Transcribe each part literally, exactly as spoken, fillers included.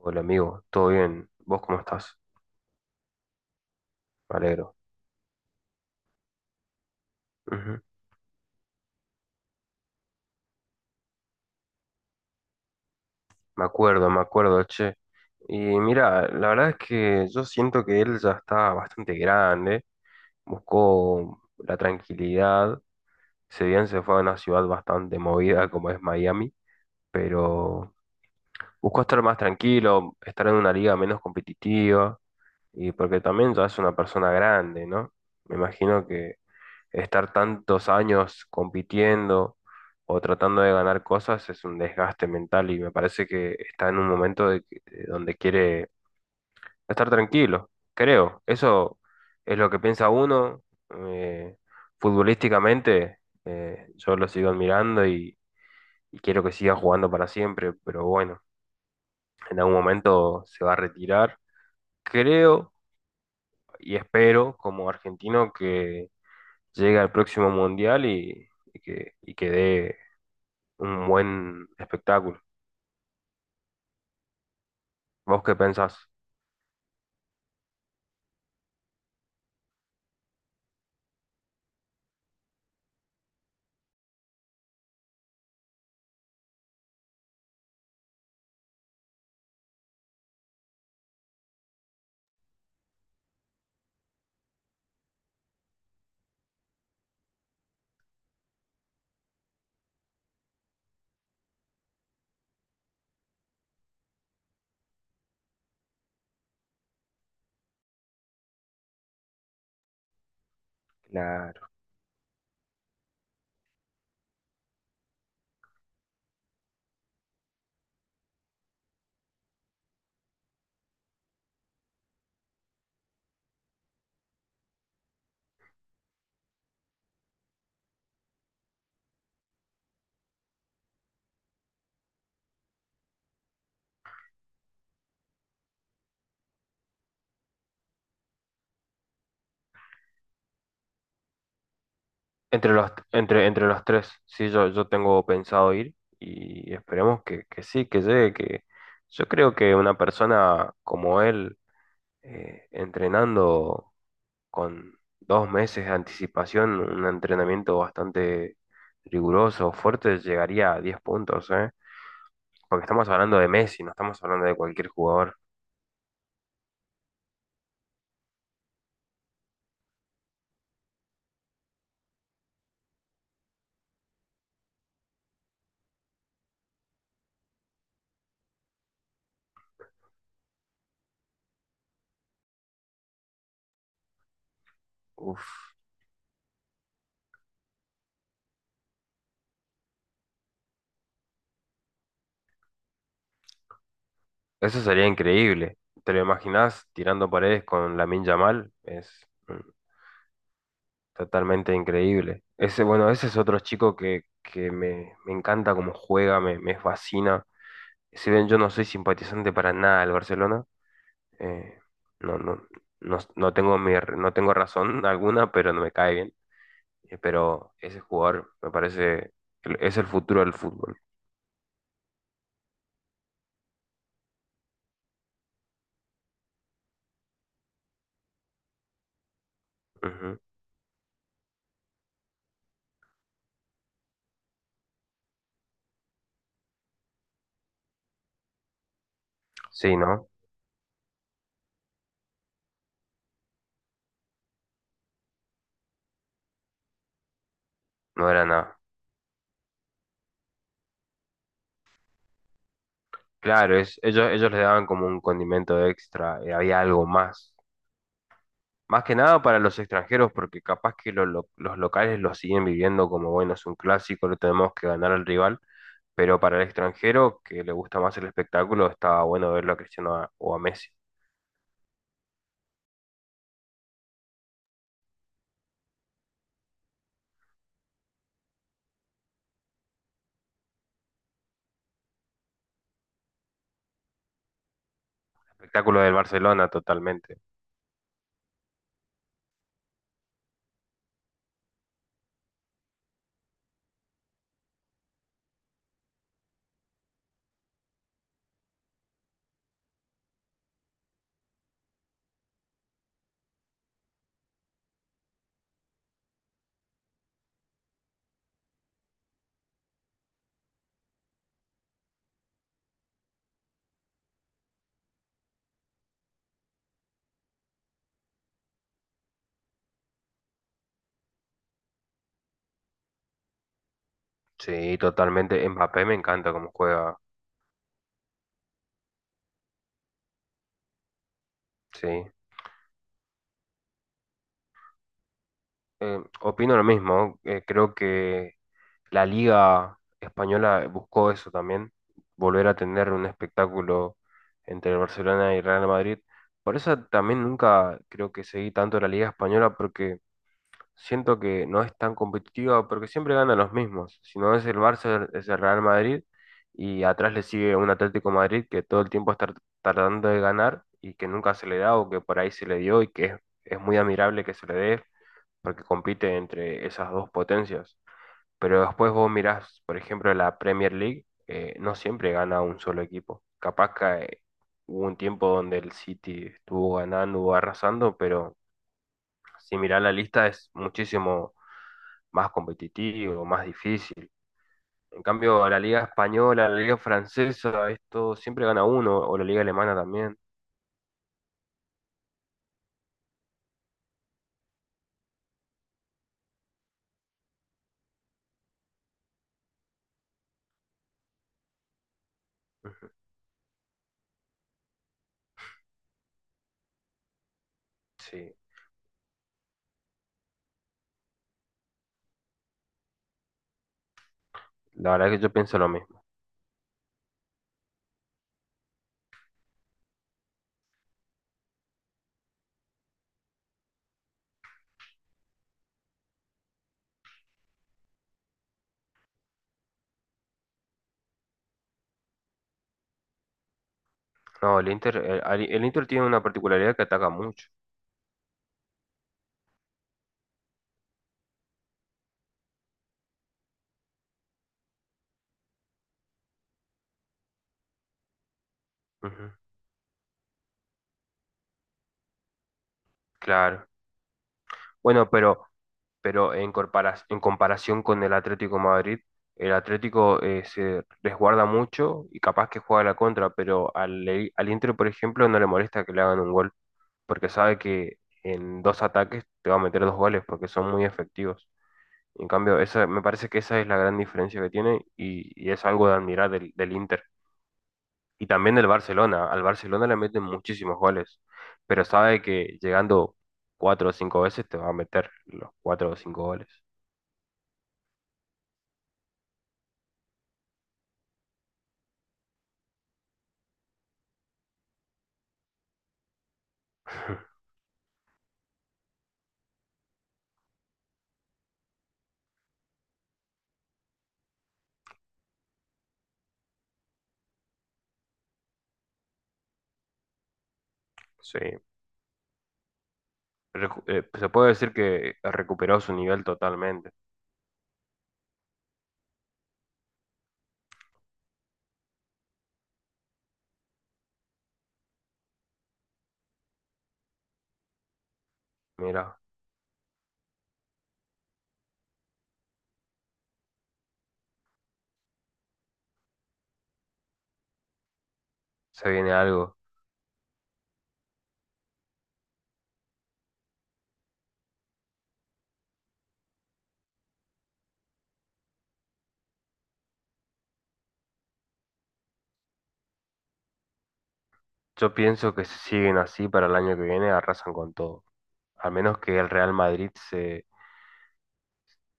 Hola amigo, ¿todo bien? ¿Vos cómo estás? Me alegro. Ujú. Me acuerdo, me acuerdo, che. Y mira, la verdad es que yo siento que él ya está bastante grande, buscó la tranquilidad, si bien se fue a una ciudad bastante movida como es Miami, pero buscó estar más tranquilo, estar en una liga menos competitiva, y porque también ya es una persona grande, ¿no? Me imagino que estar tantos años compitiendo o tratando de ganar cosas es un desgaste mental y me parece que está en un momento de que- de donde quiere estar tranquilo, creo. Eso es lo que piensa uno. eh, Futbolísticamente, eh, yo lo sigo admirando y, y quiero que siga jugando para siempre, pero bueno, en algún momento se va a retirar. Creo y espero como argentino que llegue al próximo mundial y, y que, y que dé un buen espectáculo. ¿Vos qué pensás? Claro. Entre los, entre, entre los tres, sí, yo, yo tengo pensado ir y esperemos que, que sí, que llegue, que yo creo que una persona como él, eh, entrenando con dos meses de anticipación, un entrenamiento bastante riguroso, fuerte, llegaría a diez puntos, ¿eh? Porque estamos hablando de Messi, no estamos hablando de cualquier jugador. Uf. Eso sería increíble. ¿Te lo imaginas tirando paredes con Lamine Yamal? Es mm, totalmente increíble. Ese, bueno, ese es otro chico que, que me, me encanta cómo juega, me, me fascina. Si bien yo no soy simpatizante para nada del Barcelona, eh, no, no, no, no tengo mi, r- no tengo razón alguna, pero no me cae bien. Eh, Pero ese jugador me parece, que es el futuro del fútbol. Ujú. Sí, ¿no? No era nada. Claro, es, ellos, ellos le daban como un condimento extra, eh, había algo más. Más que nada para los extranjeros, porque capaz que lo- lo- los locales lo siguen viviendo como, bueno, es un clásico, lo tenemos que ganar al rival, pero para el extranjero que le gusta más el espectáculo, estaba bueno verlo a Cristiano a- o a Messi. Espectáculo del Barcelona, totalmente. Sí, totalmente. Mbappé me encanta cómo juega, sí. Eh, opino lo mismo, eh, creo que La Liga Española buscó eso también, volver a tener un espectáculo entre el Barcelona y Real Madrid. Por eso también nunca creo que seguí tanto la Liga Española porque siento que no es tan competitiva porque siempre ganan los mismos. Si no es el Barça, es el Real Madrid y atrás le sigue un Atlético Madrid que todo el tiempo está tardando de ganar y que nunca se le da o que por ahí se le dio y que es, es muy admirable que se le dé porque compite entre esas dos potencias. Pero después vos mirás, por ejemplo, la Premier League, eh, no siempre gana un solo equipo. Capaz que eh, hubo un tiempo donde el City estuvo ganando, o arrasando, pero si mirás la lista es muchísimo más competitivo, más difícil. En cambio, la liga española, la liga francesa, esto siempre gana uno, o la liga alemana también. Ujú. Sí, la verdad que yo pienso lo mismo. No, el Inter, el, al- el Inter tiene una particularidad que ataca mucho. Ujú. Claro. Bueno, pero pero en, corpora- en comparación con el Atlético de Madrid, el Atlético eh, se resguarda mucho y capaz que juega a la contra, pero al, E-, al Inter, por ejemplo, no le molesta que le hagan un gol, porque sabe que en dos ataques te va a meter dos goles porque son muy efectivos. En cambio, esa, me parece que esa es la gran diferencia que tiene y, y es algo de admirar del, del Inter. Y también del Barcelona. Al Barcelona le meten muchísimos goles, pero sabe que llegando cuatro o cinco veces te va a meter los cuatro o cinco goles. Sí, Recu- eh, se puede decir que recuperó su nivel totalmente. Mira, se viene algo. Yo pienso que si siguen así para el año que viene, arrasan con todo. A menos que el Real Madrid se,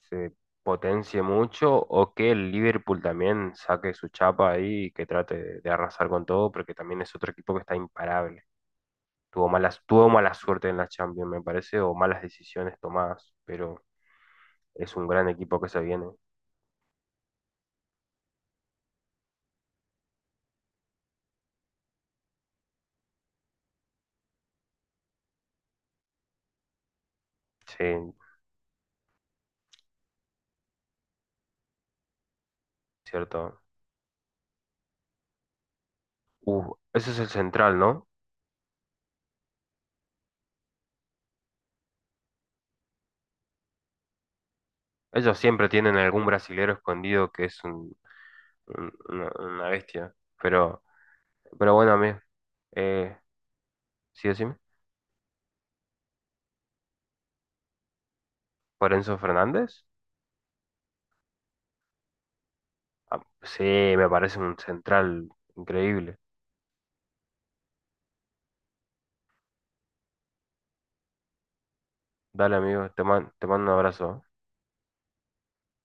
se potencie mucho o que el Liverpool también saque su chapa ahí y que trate de, de arrasar con todo, porque también es otro equipo que está imparable. Tuvo malas, tuvo mala suerte en la Champions, me parece, o malas decisiones tomadas, pero es un gran equipo que se viene. Sí, cierto. Uh, ese es el central, ¿no? Ellos siempre tienen algún brasilero escondido que es un- un- una, una bestia. Pero, pero bueno, a mí, eh, sí, decime. ¿Por Enzo Fernández? Ah, sí, me parece un central increíble. Dale, amigo, te man- te mando un abrazo. ¿Eh?